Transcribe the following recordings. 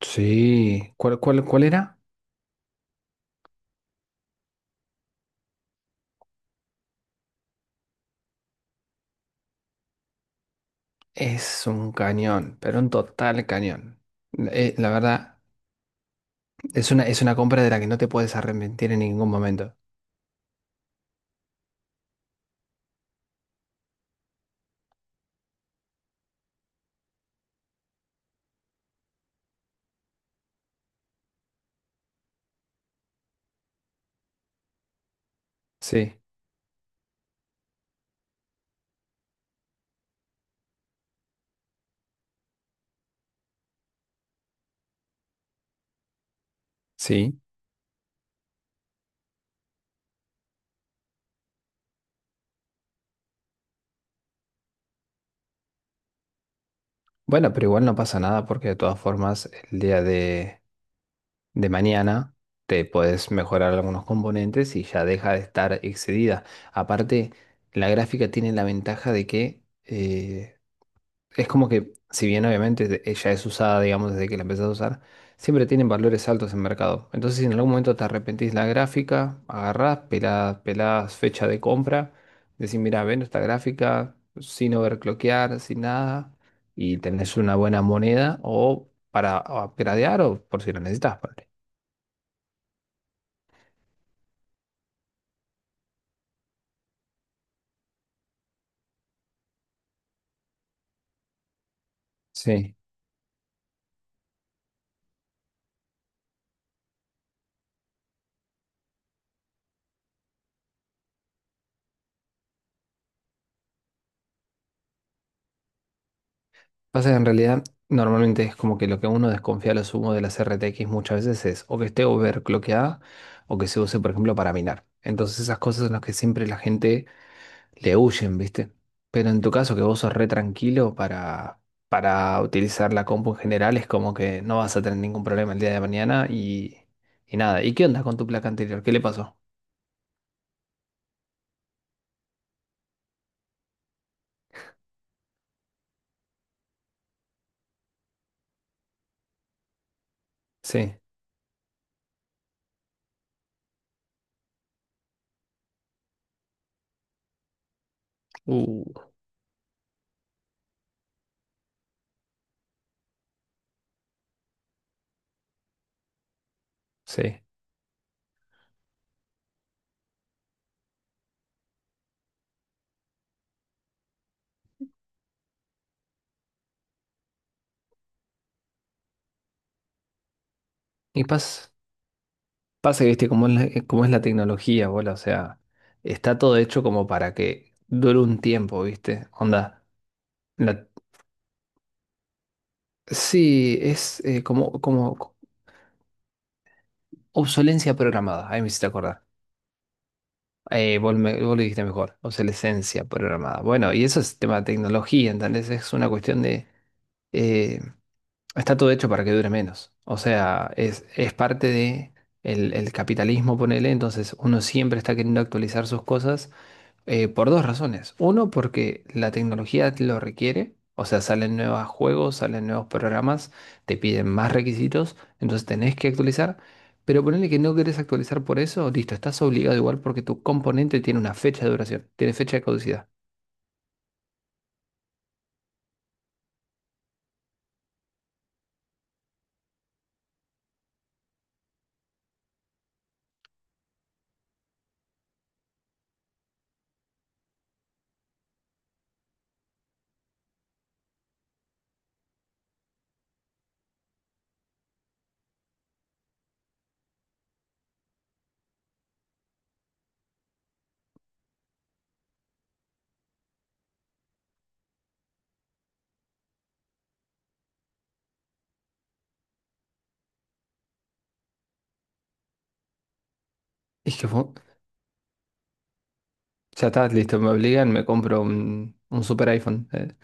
Sí, ¿cuál era? Es un cañón, pero un total cañón. La verdad, es una compra de la que no te puedes arrepentir en ningún momento. Sí, sí. Bueno, pero igual no pasa nada porque de todas formas el día de mañana te puedes mejorar algunos componentes y ya deja de estar excedida. Aparte, la gráfica tiene la ventaja de que es como que, si bien obviamente ella es usada, digamos, desde que la empezás a usar, siempre tienen valores altos en mercado. Entonces, si en algún momento te arrepentís la gráfica, agarrás, pelás, pelás fecha de compra, decís, mira, vendo esta gráfica sin overclockear, sin nada, y tenés una buena moneda o para o a piratear o por si la necesitas, ponele. Sí. Pasa que en realidad normalmente es como que lo que uno desconfía a lo sumo de las RTX muchas veces es o que esté overclockeada o que se use, por ejemplo, para minar. Entonces esas cosas son las que siempre la gente le huyen, ¿viste? Pero en tu caso que vos sos re tranquilo para utilizar la compu en general es como que no vas a tener ningún problema el día de mañana y nada. ¿Y qué onda con tu placa anterior? ¿Qué le pasó? Sí. Uh, sí. Y pasa. Pasa que, viste, cómo es cómo es la tecnología, bola, o sea, está todo hecho como para que dure un tiempo, viste, onda. la- sí, es como, como obsolencia programada, ahí me hiciste acordar. Vos, vos lo dijiste mejor, obsolescencia programada. Bueno, y eso es tema de tecnología, ¿entendés? Es una cuestión de... eh, está todo hecho para que dure menos. O sea, es parte de el capitalismo, ponele, entonces uno siempre está queriendo actualizar sus cosas. Por dos razones. Uno, porque la tecnología lo requiere, o sea, salen nuevos juegos, salen nuevos programas, te piden más requisitos, entonces tenés que actualizar. Pero ponele que no querés actualizar por eso, listo, estás obligado igual porque tu componente tiene una fecha de duración, tiene fecha de caducidad. Y es que ya está, listo, me obligan, me compro un super iPhone.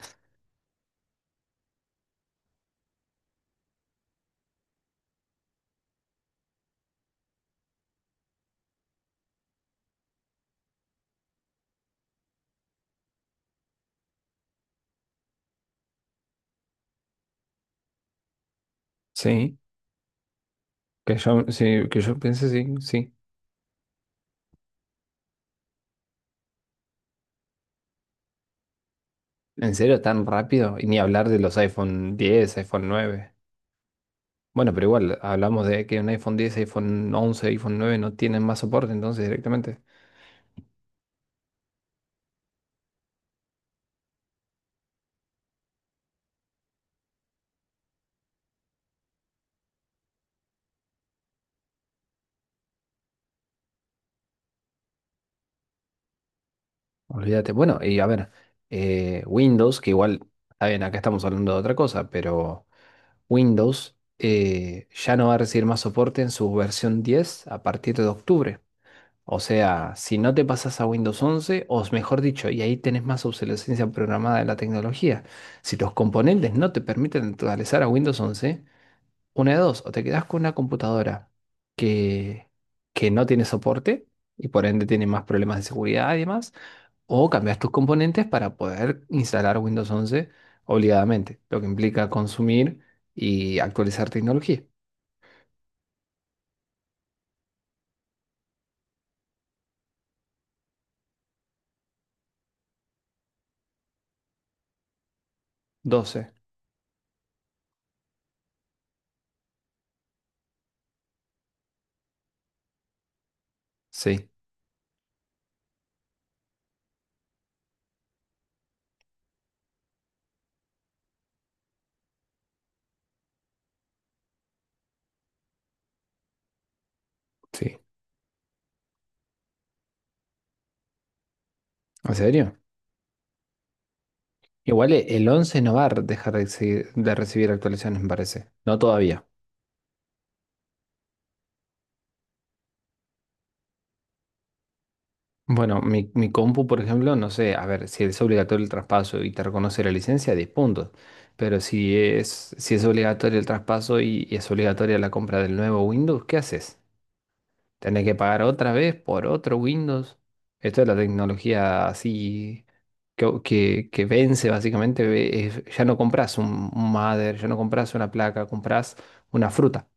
Sí, sí, que yo piense, sí, sí. ¿En serio tan rápido? Y ni hablar de los iPhone 10, iPhone 9. Bueno, pero igual, hablamos de que un iPhone 10, iPhone 11, iPhone 9 no tienen más soporte, entonces directamente, olvídate. Bueno, y a ver, Windows, que igual, está bien, acá estamos hablando de otra cosa, pero Windows ya no va a recibir más soporte en su versión 10 a partir de octubre. O sea, si no te pasas a Windows 11, o mejor dicho, y ahí tenés más obsolescencia programada de la tecnología, si los componentes no te permiten actualizar a Windows 11. Una de dos, o te quedas con una computadora que, que no tiene soporte y por ende tiene más problemas de seguridad y demás, o cambias tus componentes para poder instalar Windows 11 obligadamente, lo que implica consumir y actualizar tecnología. Doce. Sí, sí. ¿En serio? Igual el 11 no va a dejar de, de recibir actualizaciones, me parece. No todavía. Bueno, mi compu, por ejemplo, no sé, a ver, si es obligatorio el traspaso y te reconoce la licencia, 10 puntos. Pero si es, si es obligatorio el traspaso y es obligatoria la compra del nuevo Windows, ¿qué haces? ¿Tenés que pagar otra vez por otro Windows? Esto es la tecnología así que vence básicamente. Ya no compras un mother, ya no compras una placa, compras una fruta.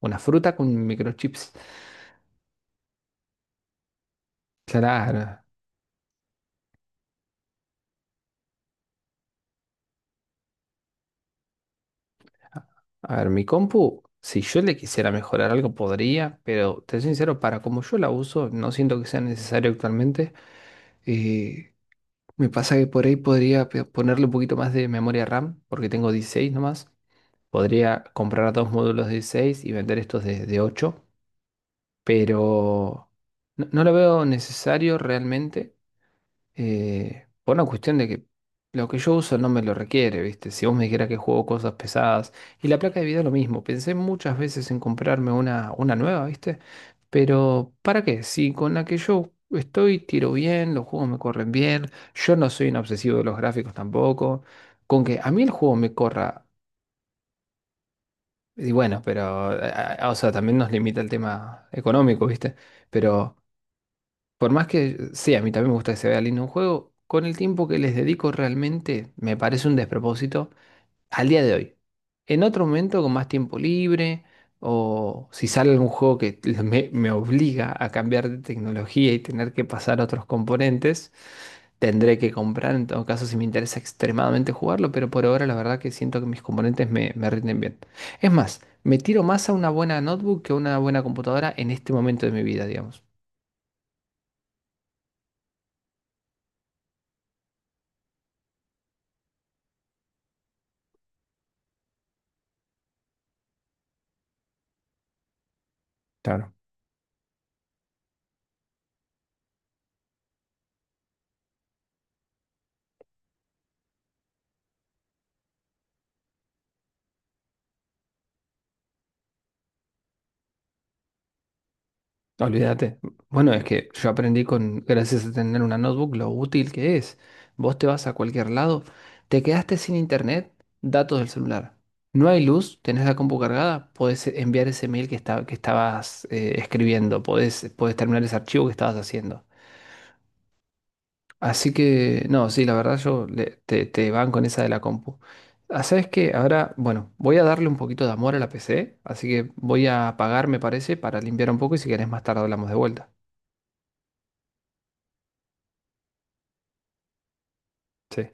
Una fruta con microchips. Claro. A ver, mi compu, si yo le quisiera mejorar algo, podría, pero te soy sincero, para como yo la uso, no siento que sea necesario actualmente. Eh, me pasa que por ahí podría ponerle un poquito más de memoria RAM, porque tengo 16 nomás. Podría comprar dos módulos de 16 y vender estos de 8, pero no, no lo veo necesario realmente por una cuestión de que lo que yo uso no me lo requiere, ¿viste? Si vos me dijeras que juego cosas pesadas. Y la placa de video lo mismo. Pensé muchas veces en comprarme una nueva, ¿viste? Pero ¿para qué? Si con la que yo estoy tiro bien, los juegos me corren bien, yo no soy un obsesivo de los gráficos tampoco. Con que a mí el juego me corra. Y bueno, pero, o sea, también nos limita el tema económico, ¿viste? Pero por más que, sí, a mí también me gusta que se vea lindo un juego, con el tiempo que les dedico realmente me parece un despropósito al día de hoy. En otro momento, con más tiempo libre, o si sale algún juego que me obliga a cambiar de tecnología y tener que pasar a otros componentes, tendré que comprar, en todo caso, si me interesa extremadamente jugarlo, pero por ahora la verdad que siento que mis componentes me, me rinden bien. Es más, me tiro más a una buena notebook que a una buena computadora en este momento de mi vida, digamos. Claro. Olvídate. Bueno, es que yo aprendí con, gracias a tener una notebook, lo útil que es. Vos te vas a cualquier lado, te quedaste sin internet, datos del celular. No hay luz, tenés la compu cargada, podés enviar ese mail que, que estabas escribiendo, podés, podés terminar ese archivo que estabas haciendo. Así que, no, sí, la verdad yo te, te van con esa de la compu. Ah, ¿sabes qué? Ahora, bueno, voy a darle un poquito de amor a la PC, así que voy a apagar, me parece, para limpiar un poco y si querés más tarde hablamos de vuelta. Sí.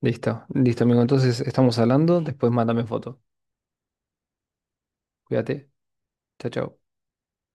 Listo, listo, amigo. Entonces estamos hablando. Después mándame foto. Cuídate. Chao, chao.